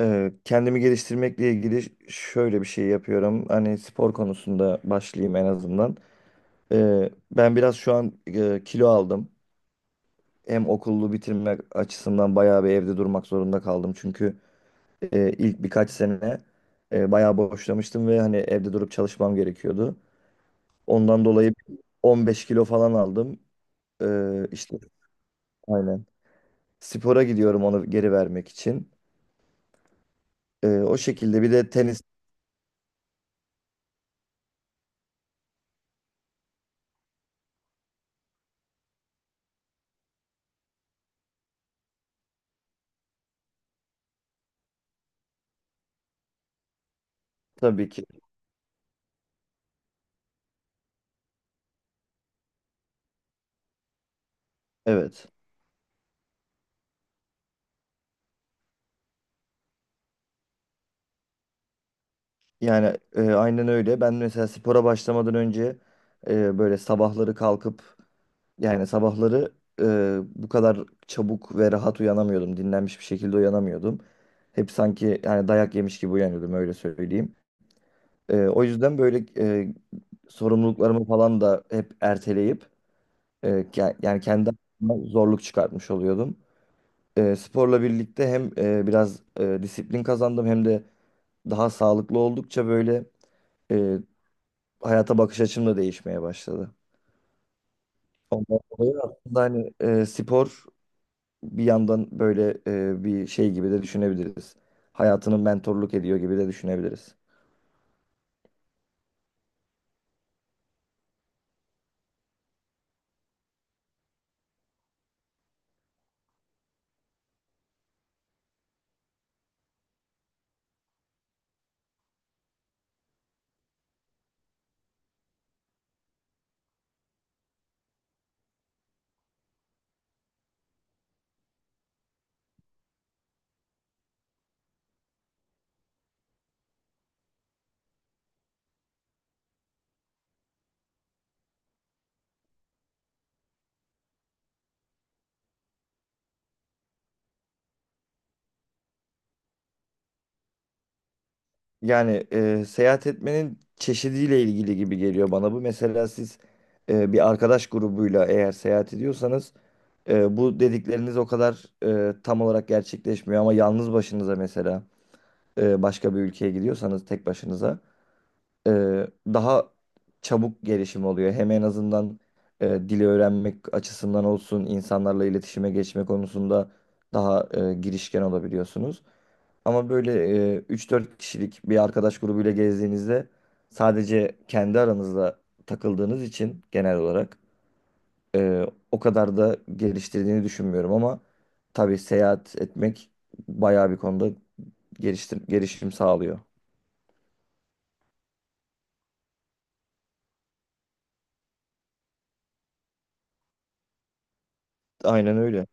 Kendimi geliştirmekle ilgili şöyle bir şey yapıyorum. Hani spor konusunda başlayayım en azından. Ben biraz şu an kilo aldım. Hem okulu bitirmek açısından bayağı bir evde durmak zorunda kaldım. Çünkü ilk birkaç sene bayağı boşlamıştım ve hani evde durup çalışmam gerekiyordu. Ondan dolayı 15 kilo falan aldım. İşte aynen. Spora gidiyorum onu geri vermek için. O şekilde bir de tenis tabii ki. Evet. Yani aynen öyle. Ben mesela spora başlamadan önce böyle sabahları kalkıp yani sabahları bu kadar çabuk ve rahat uyanamıyordum. Dinlenmiş bir şekilde uyanamıyordum. Hep sanki yani dayak yemiş gibi uyanıyordum öyle söyleyeyim. O yüzden böyle e, sorumluluklarımı falan da hep erteleyip e, yani kendi adıma zorluk çıkartmış oluyordum. Sporla birlikte hem biraz disiplin kazandım hem de daha sağlıklı oldukça böyle hayata bakış açım da değişmeye başladı. Ondan dolayı aslında hani spor bir yandan böyle bir şey gibi de düşünebiliriz. Hayatını mentorluk ediyor gibi de düşünebiliriz. Yani seyahat etmenin çeşidiyle ilgili gibi geliyor bana bu. Mesela siz bir arkadaş grubuyla eğer seyahat ediyorsanız bu dedikleriniz o kadar tam olarak gerçekleşmiyor ama yalnız başınıza mesela başka bir ülkeye gidiyorsanız tek başınıza e, daha çabuk gelişim oluyor. Hem en azından dili öğrenmek açısından olsun, insanlarla iletişime geçme konusunda daha girişken olabiliyorsunuz. Ama böyle 3-4 kişilik bir arkadaş grubuyla gezdiğinizde sadece kendi aranızda takıldığınız için genel olarak e, o kadar da geliştirdiğini düşünmüyorum ama tabii seyahat etmek bayağı bir konuda gelişim sağlıyor. Aynen öyle.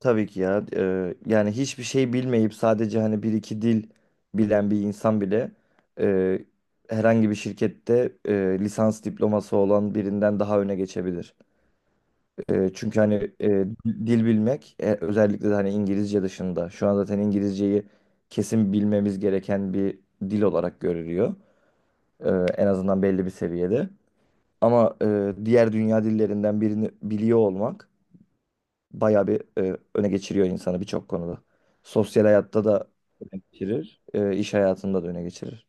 Tabii ki ya. Yani hiçbir şey bilmeyip sadece hani bir iki dil bilen bir insan bile eee, herhangi bir şirkette lisans diploması olan birinden daha öne geçebilir. Çünkü hani dil bilmek özellikle de hani İngilizce dışında şu an zaten İngilizceyi kesin bilmemiz gereken bir dil olarak görülüyor. En azından belli bir seviyede. Ama diğer dünya dillerinden birini biliyor olmak bayağı bir öne geçiriyor insanı birçok konuda. Sosyal hayatta da geçirir, iş hayatında da öne geçirir.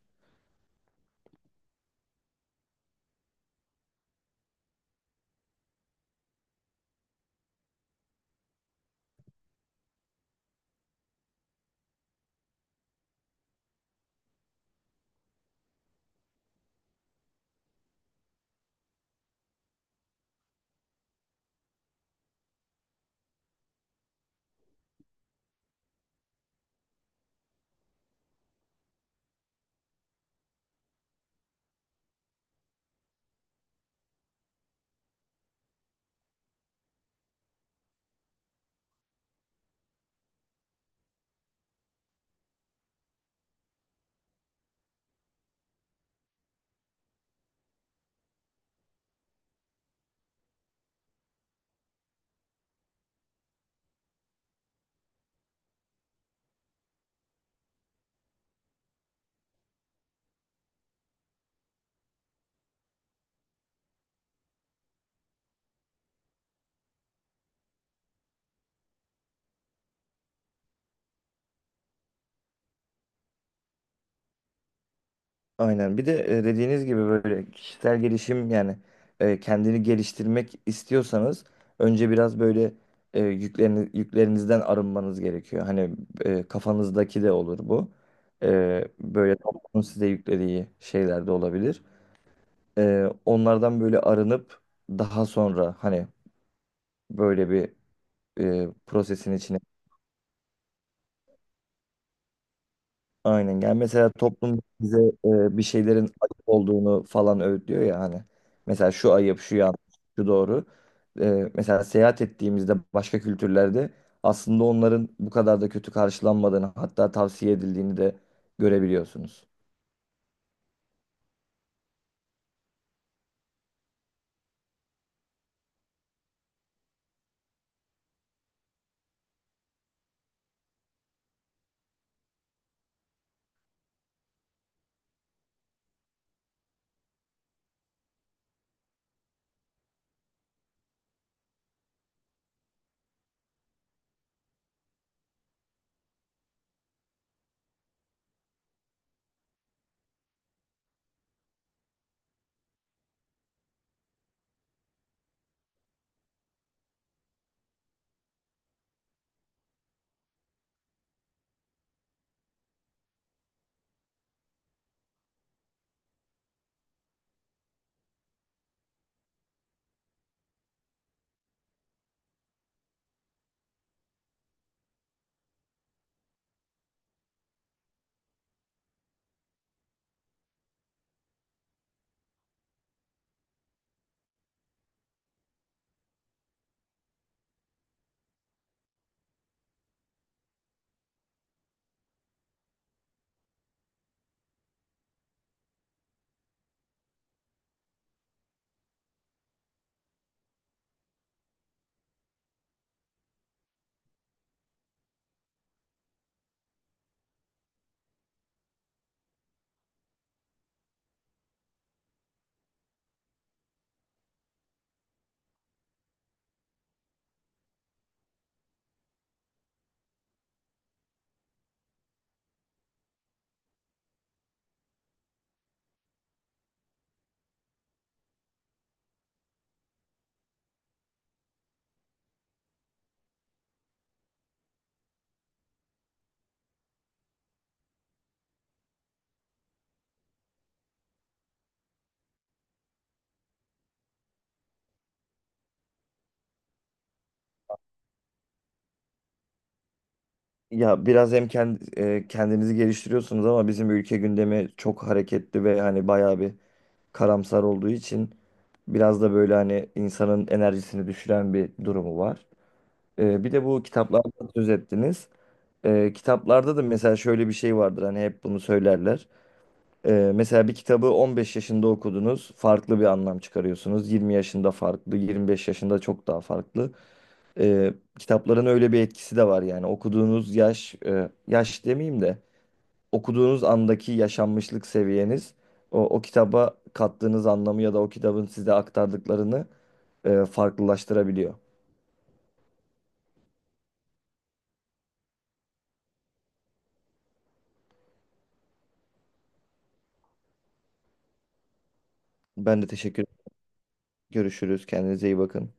Aynen. Bir de dediğiniz gibi böyle kişisel gelişim yani kendini geliştirmek istiyorsanız önce biraz böyle yüklerinizden arınmanız gerekiyor. Hani kafanızdaki de olur bu. Böyle toplumun size yüklediği şeyler de olabilir. Onlardan böyle arınıp daha sonra hani böyle bir prosesin içine aynen gel. Mesela toplum bize bir şeylerin ayıp olduğunu falan öğütlüyor ya hani. Mesela şu ayıp, şu yanlış, şu doğru. Mesela seyahat ettiğimizde başka kültürlerde aslında onların bu kadar da kötü karşılanmadığını hatta tavsiye edildiğini de görebiliyorsunuz. Ya biraz hem kendinizi geliştiriyorsunuz ama bizim ülke gündemi çok hareketli ve hani bayağı bir karamsar olduğu için biraz da böyle hani insanın enerjisini düşüren bir durumu var. Bir de bu kitaplardan söz ettiniz. Kitaplarda da mesela şöyle bir şey vardır hani hep bunu söylerler. Mesela bir kitabı 15 yaşında okudunuz, farklı bir anlam çıkarıyorsunuz. 20 yaşında farklı, 25 yaşında çok daha farklı. Kitapların öyle bir etkisi de var yani okuduğunuz yaş, yaş demeyeyim de okuduğunuz andaki yaşanmışlık seviyeniz o kitaba kattığınız anlamı ya da o kitabın size aktardıklarını farklılaştırabiliyor. Ben de teşekkür ederim. Görüşürüz. Kendinize iyi bakın.